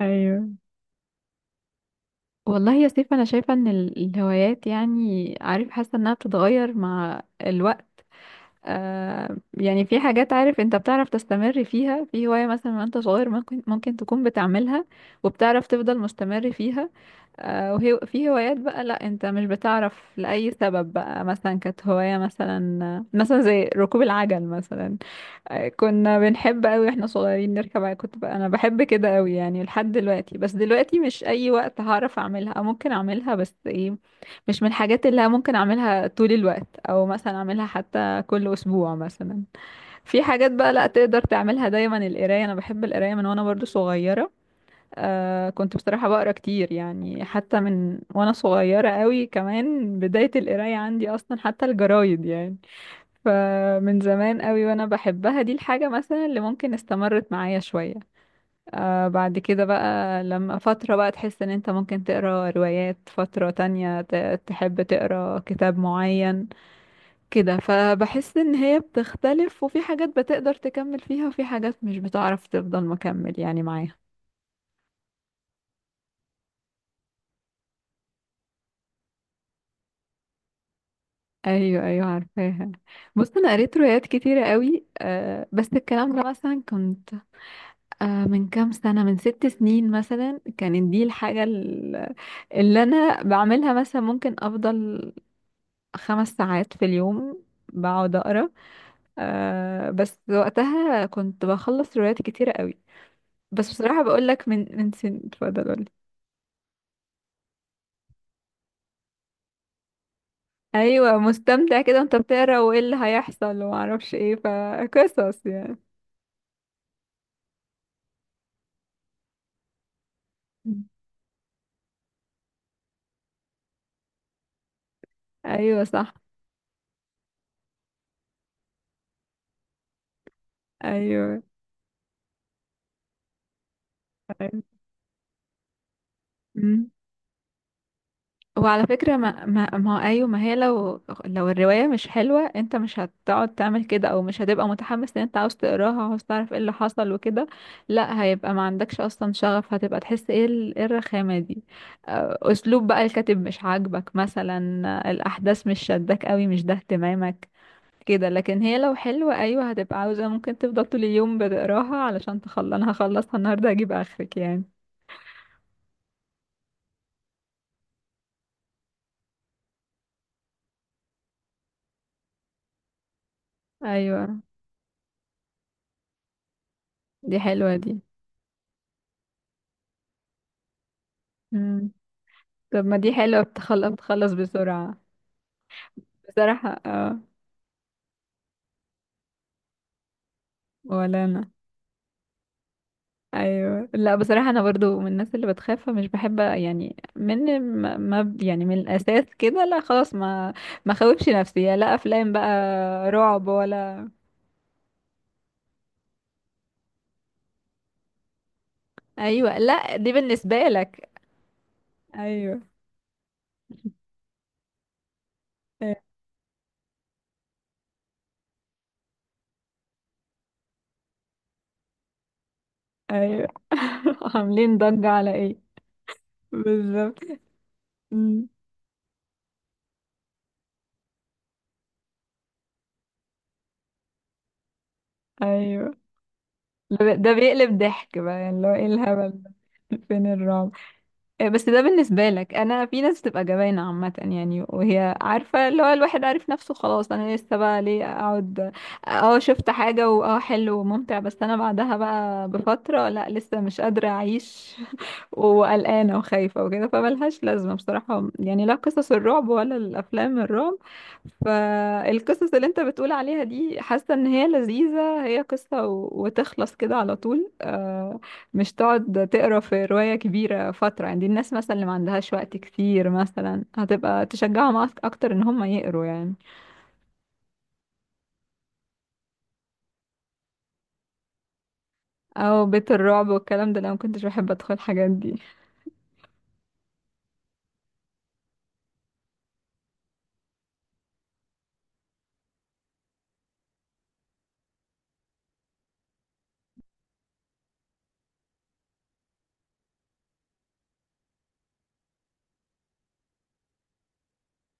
ايوه، والله يا سيف انا شايفه ان الهوايات، يعني عارف، حاسه انها بتتغير مع الوقت. آه يعني في حاجات، عارف انت بتعرف تستمر فيها في هوايه مثلا، وانت صغير ممكن تكون بتعملها وبتعرف تفضل مستمر فيها. آه وهي في هوايات بقى لا، انت مش بتعرف لاي سبب بقى، مثلا كانت هوايه مثلا زي ركوب العجل مثلا. كنا بنحب قوي واحنا صغيرين نركب عجل. كنت بقى انا بحب كده قوي يعني لحد دلوقتي، بس دلوقتي مش اي وقت هعرف اعملها او ممكن اعملها، بس ايه، مش من الحاجات اللي ممكن اعملها طول الوقت، او مثلا اعملها حتى كل اسبوع مثلا. في حاجات بقى لا تقدر تعملها دايما، القرايه انا بحب القرايه من وانا برضو صغيره. آه كنت بصراحه بقرا كتير يعني، حتى من وانا صغيره قوي، كمان بدايه القرايه عندي اصلا حتى الجرايد يعني. فمن زمان قوي وانا بحبها، دي الحاجة مثلا اللي ممكن استمرت معايا شوية. آه بعد كده بقى لما فترة بقى تحس ان انت ممكن تقرا روايات، فترة تانية تحب تقرا كتاب معين كده. فبحس ان هي بتختلف، وفي حاجات بتقدر تكمل فيها، وفي حاجات مش بتعرف تفضل مكمل يعني معاها. ايوه ايوه عارفاها. بص انا قريت روايات كتيرة قوي، آه بس الكلام ده مثلا كنت، آه، من كام سنة، من ست سنين مثلا، كانت دي الحاجة اللي أنا بعملها، مثلا ممكن أفضل خمس ساعات في اليوم بقعد أقرأ. آه، بس وقتها كنت بخلص روايات كتيرة قوي. بس بصراحة بقولك، من سن اتفضل قولي. أيوة مستمتع كده وانت بتقرا، وايه اللي هيحصل ومعرفش ايه، فقصص يعني. أيوة صح. أيوة أيوة. وعلى فكرة، ما هو أيوة، ما هي، لو الرواية مش حلوة انت مش هتقعد تعمل كده، او مش هتبقى متحمس ان انت عاوز تقراها وعاوز تعرف ايه اللي حصل وكده. لا هيبقى ما عندكش اصلا شغف، هتبقى تحس ايه إيه الرخامة دي. آه، اسلوب بقى الكاتب مش عاجبك مثلا، آه، الاحداث مش شداك قوي، مش ده اهتمامك كده. لكن هي لو حلوة ايوه، هتبقى عاوزة ممكن تفضل طول اليوم بتقراها علشان تخلص، انا هخلصها النهاردة هجيب اخرك يعني. ايوه، دي حلوة دي. طب ما دي حلوة، بتخلص بسرعة. بصراحة اه. ولا انا. ايوه، لا بصراحة انا برضو من الناس اللي بتخاف فمش بحب يعني، من ما ما- يعني من الاساس كده لا خلاص، ما خوفش نفسي، يا لا افلام بقى. رعب ولا. ايوه لا دي بالنسبة لك. ايوه ايوه عاملين ضجة على ايه. بالظبط. أمم، ايوه ده بيقلب ضحك بقى يعني، اللي هو ايه الهبل ده. فين الرعب. آه، بس ده بالنسبة لك، أنا في ناس بتبقى جبانة عامة يعني، وهي عارفة، اللي هو الواحد عارف نفسه خلاص، أنا لسه بقى ليه أقعد. اه شفت حاجة واه حلو وممتع، بس أنا بعدها بقى بفترة لا، لسه مش قادرة أعيش، وقلقانة وخايفة وكده، فملهاش لازمة بصراحة يعني، لا قصص الرعب ولا الأفلام الرعب. فالقصص اللي انت بتقول عليها دي، حاسة ان هي لذيذة، هي قصة وتخلص كده على طول. آه، مش تقعد تقرا في رواية كبيرة فترة يعني، دي الناس مثلا اللي ما عندهاش وقت كتير مثلا، هتبقى تشجعهم اكتر ان هم يقروا يعني. او بيت الرعب والكلام ده، لو ما كنتش بحب ادخل الحاجات دي.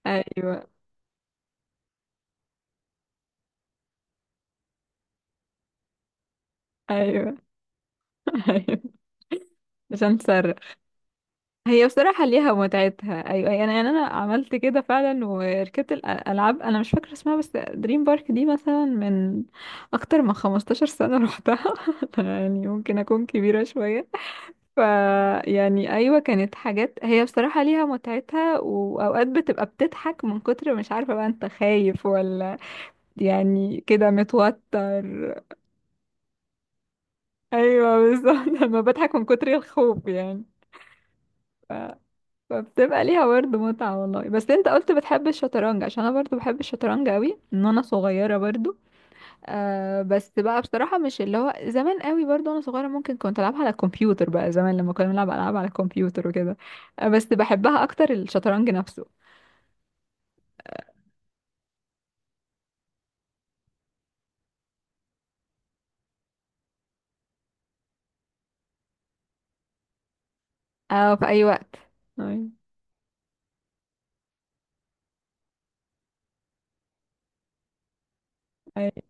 ايوه ايوه ايوه. عشان هي بصراحة ليها متعتها. أيوة يعني، أنا أنا عملت كده فعلا وركبت الألعاب، أنا مش فاكرة اسمها، بس دريم بارك دي مثلا من أكتر من 15 سنة روحتها. يعني ممكن أكون كبيرة شوية. ف، يعني أيوة كانت حاجات هي بصراحة ليها متعتها، وأوقات بتبقى بتضحك من كتر مش عارفة بقى أنت خايف ولا، يعني كده متوتر. أيوة بالظبط أنا بضحك من كتر الخوف يعني. فبتبقى ليها برضه متعة والله. بس انت قلت بتحب الشطرنج، عشان انا برضه بحب الشطرنج قوي من وانا صغيرة برضه. آه بس بقى بصراحة مش اللي هو زمان قوي، برضه وانا صغيرة ممكن كنت العبها على الكمبيوتر بقى، زمان لما كنا بنلعب العاب على الكمبيوتر وكده. آه بس بحبها اكتر الشطرنج نفسه. اه في اي وقت. أيوة. أي-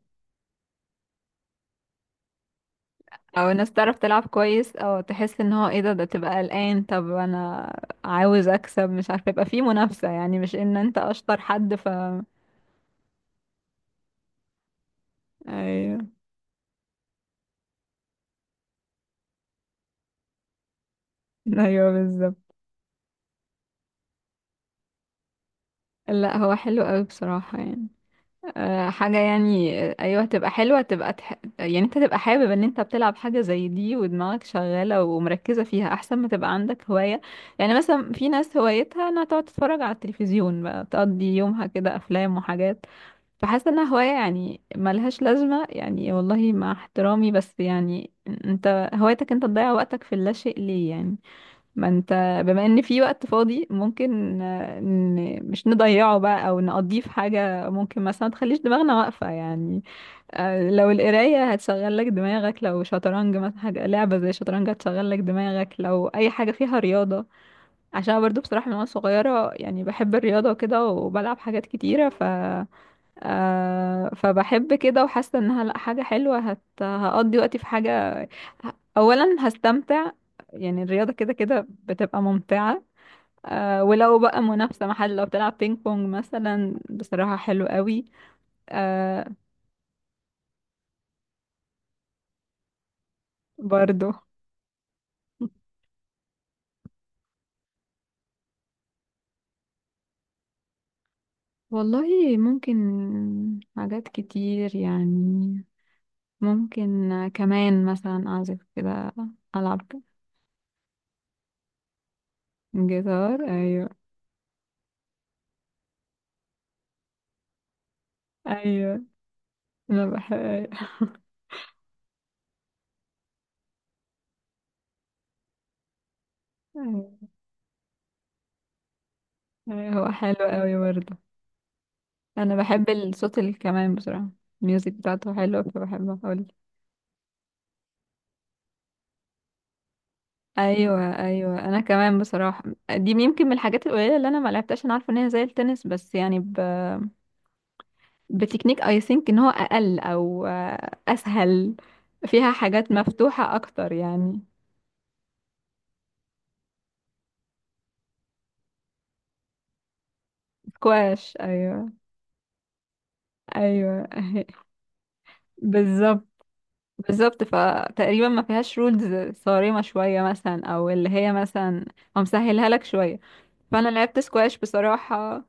او الناس تعرف تلعب كويس، او تحس ان هو ايه ده تبقى قلقان، طب انا عاوز اكسب مش عارفه، يبقى في منافسه يعني، مش ان انت اشطر حد، ف. ايوه ايوه بالظبط. لا هو حلو قوي بصراحة يعني. أه حاجة يعني، آه، ايوه هتبقى حلوة، هتبقى يعني انت تبقى حابب ان انت بتلعب حاجة زي دي، ودماغك شغالة ومركزة فيها، احسن ما تبقى عندك هواية يعني، مثلا في ناس هوايتها انها تقعد تتفرج على التلفزيون بقى، تقضي يومها كده افلام وحاجات. فحاسة انها هواية يعني ملهاش لازمة يعني، والله مع احترامي بس يعني، انت هوايتك انت تضيع وقتك في اللاشيء ليه يعني، ما انت بما ان في وقت فاضي، ممكن آه، مش نضيعه بقى، او نقضيه في حاجة ممكن مثلا تخليش دماغنا واقفة يعني. آه، لو القراية هتشغل لك دماغك، لو شطرنج مثلا، حاجة لعبة زي شطرنج هتشغل لك دماغك، لو اي حاجة فيها رياضة، عشان أنا برضو بصراحة من وانا صغيرة يعني بحب الرياضة وكده، وبلعب حاجات كتيرة. آه فبحب كده، وحاسه انها لا حاجه حلوه، هقضي وقتي في حاجه، اولا هستمتع، يعني الرياضه كده كده بتبقى ممتعه. آه ولو بقى منافسه محل، لو بتلعب بينج بونج مثلا بصراحه حلو قوي. آه برضو. والله ممكن، حاجات كتير يعني، ممكن كمان مثلا أعزف كده، ألعب جيتار. أيوة أيوة. أنا بحب. أيوة. هو حلو قوي برضه. انا بحب الصوت الكمان بصراحه، الميوزك بتاعته حلوه فبحب اقول. ايوه ايوه انا كمان بصراحه، دي يمكن من الحاجات القليله اللي انا ما لعبتهاش، انا عارفه ان هي زي التنس، بس يعني بتكنيك اي ثينك ان هو اقل، او آه، اسهل، فيها حاجات مفتوحه اكتر يعني. سكواش ايوه. ايوه بالظبط. بالظبط فتقريبا ما فيهاش رولز صارمه شويه مثلا، او اللي هي مثلا هو مسهلها لك شويه. فانا لعبت سكواش بصراحه.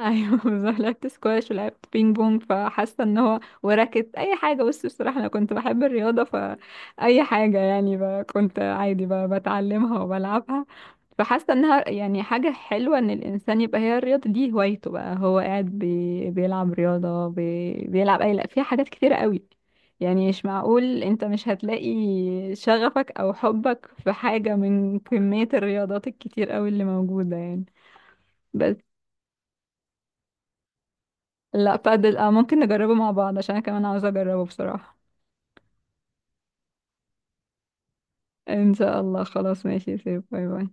ايوه بالظبط، لعبت سكواش ولعبت بينج بونج، فحاسه ان هو وراكت اي حاجه، بس بصراحه انا كنت بحب الرياضه فاي حاجه يعني، كنت عادي بتعلمها وبلعبها. فحاسه انها يعني حاجه حلوه ان الانسان يبقى هي الرياضه دي هوايته بقى، هو قاعد بيلعب رياضه، بيلعب اي لا فيها حاجات كتيره قوي يعني، مش معقول انت مش هتلاقي شغفك او حبك في حاجه من كميه الرياضات الكتير قوي اللي موجوده يعني. بس لا، بادل اه ممكن نجربه مع بعض عشان انا كمان عاوزة اجربه بصراحة. ان شاء الله خلاص ماشي، سيب باي باي.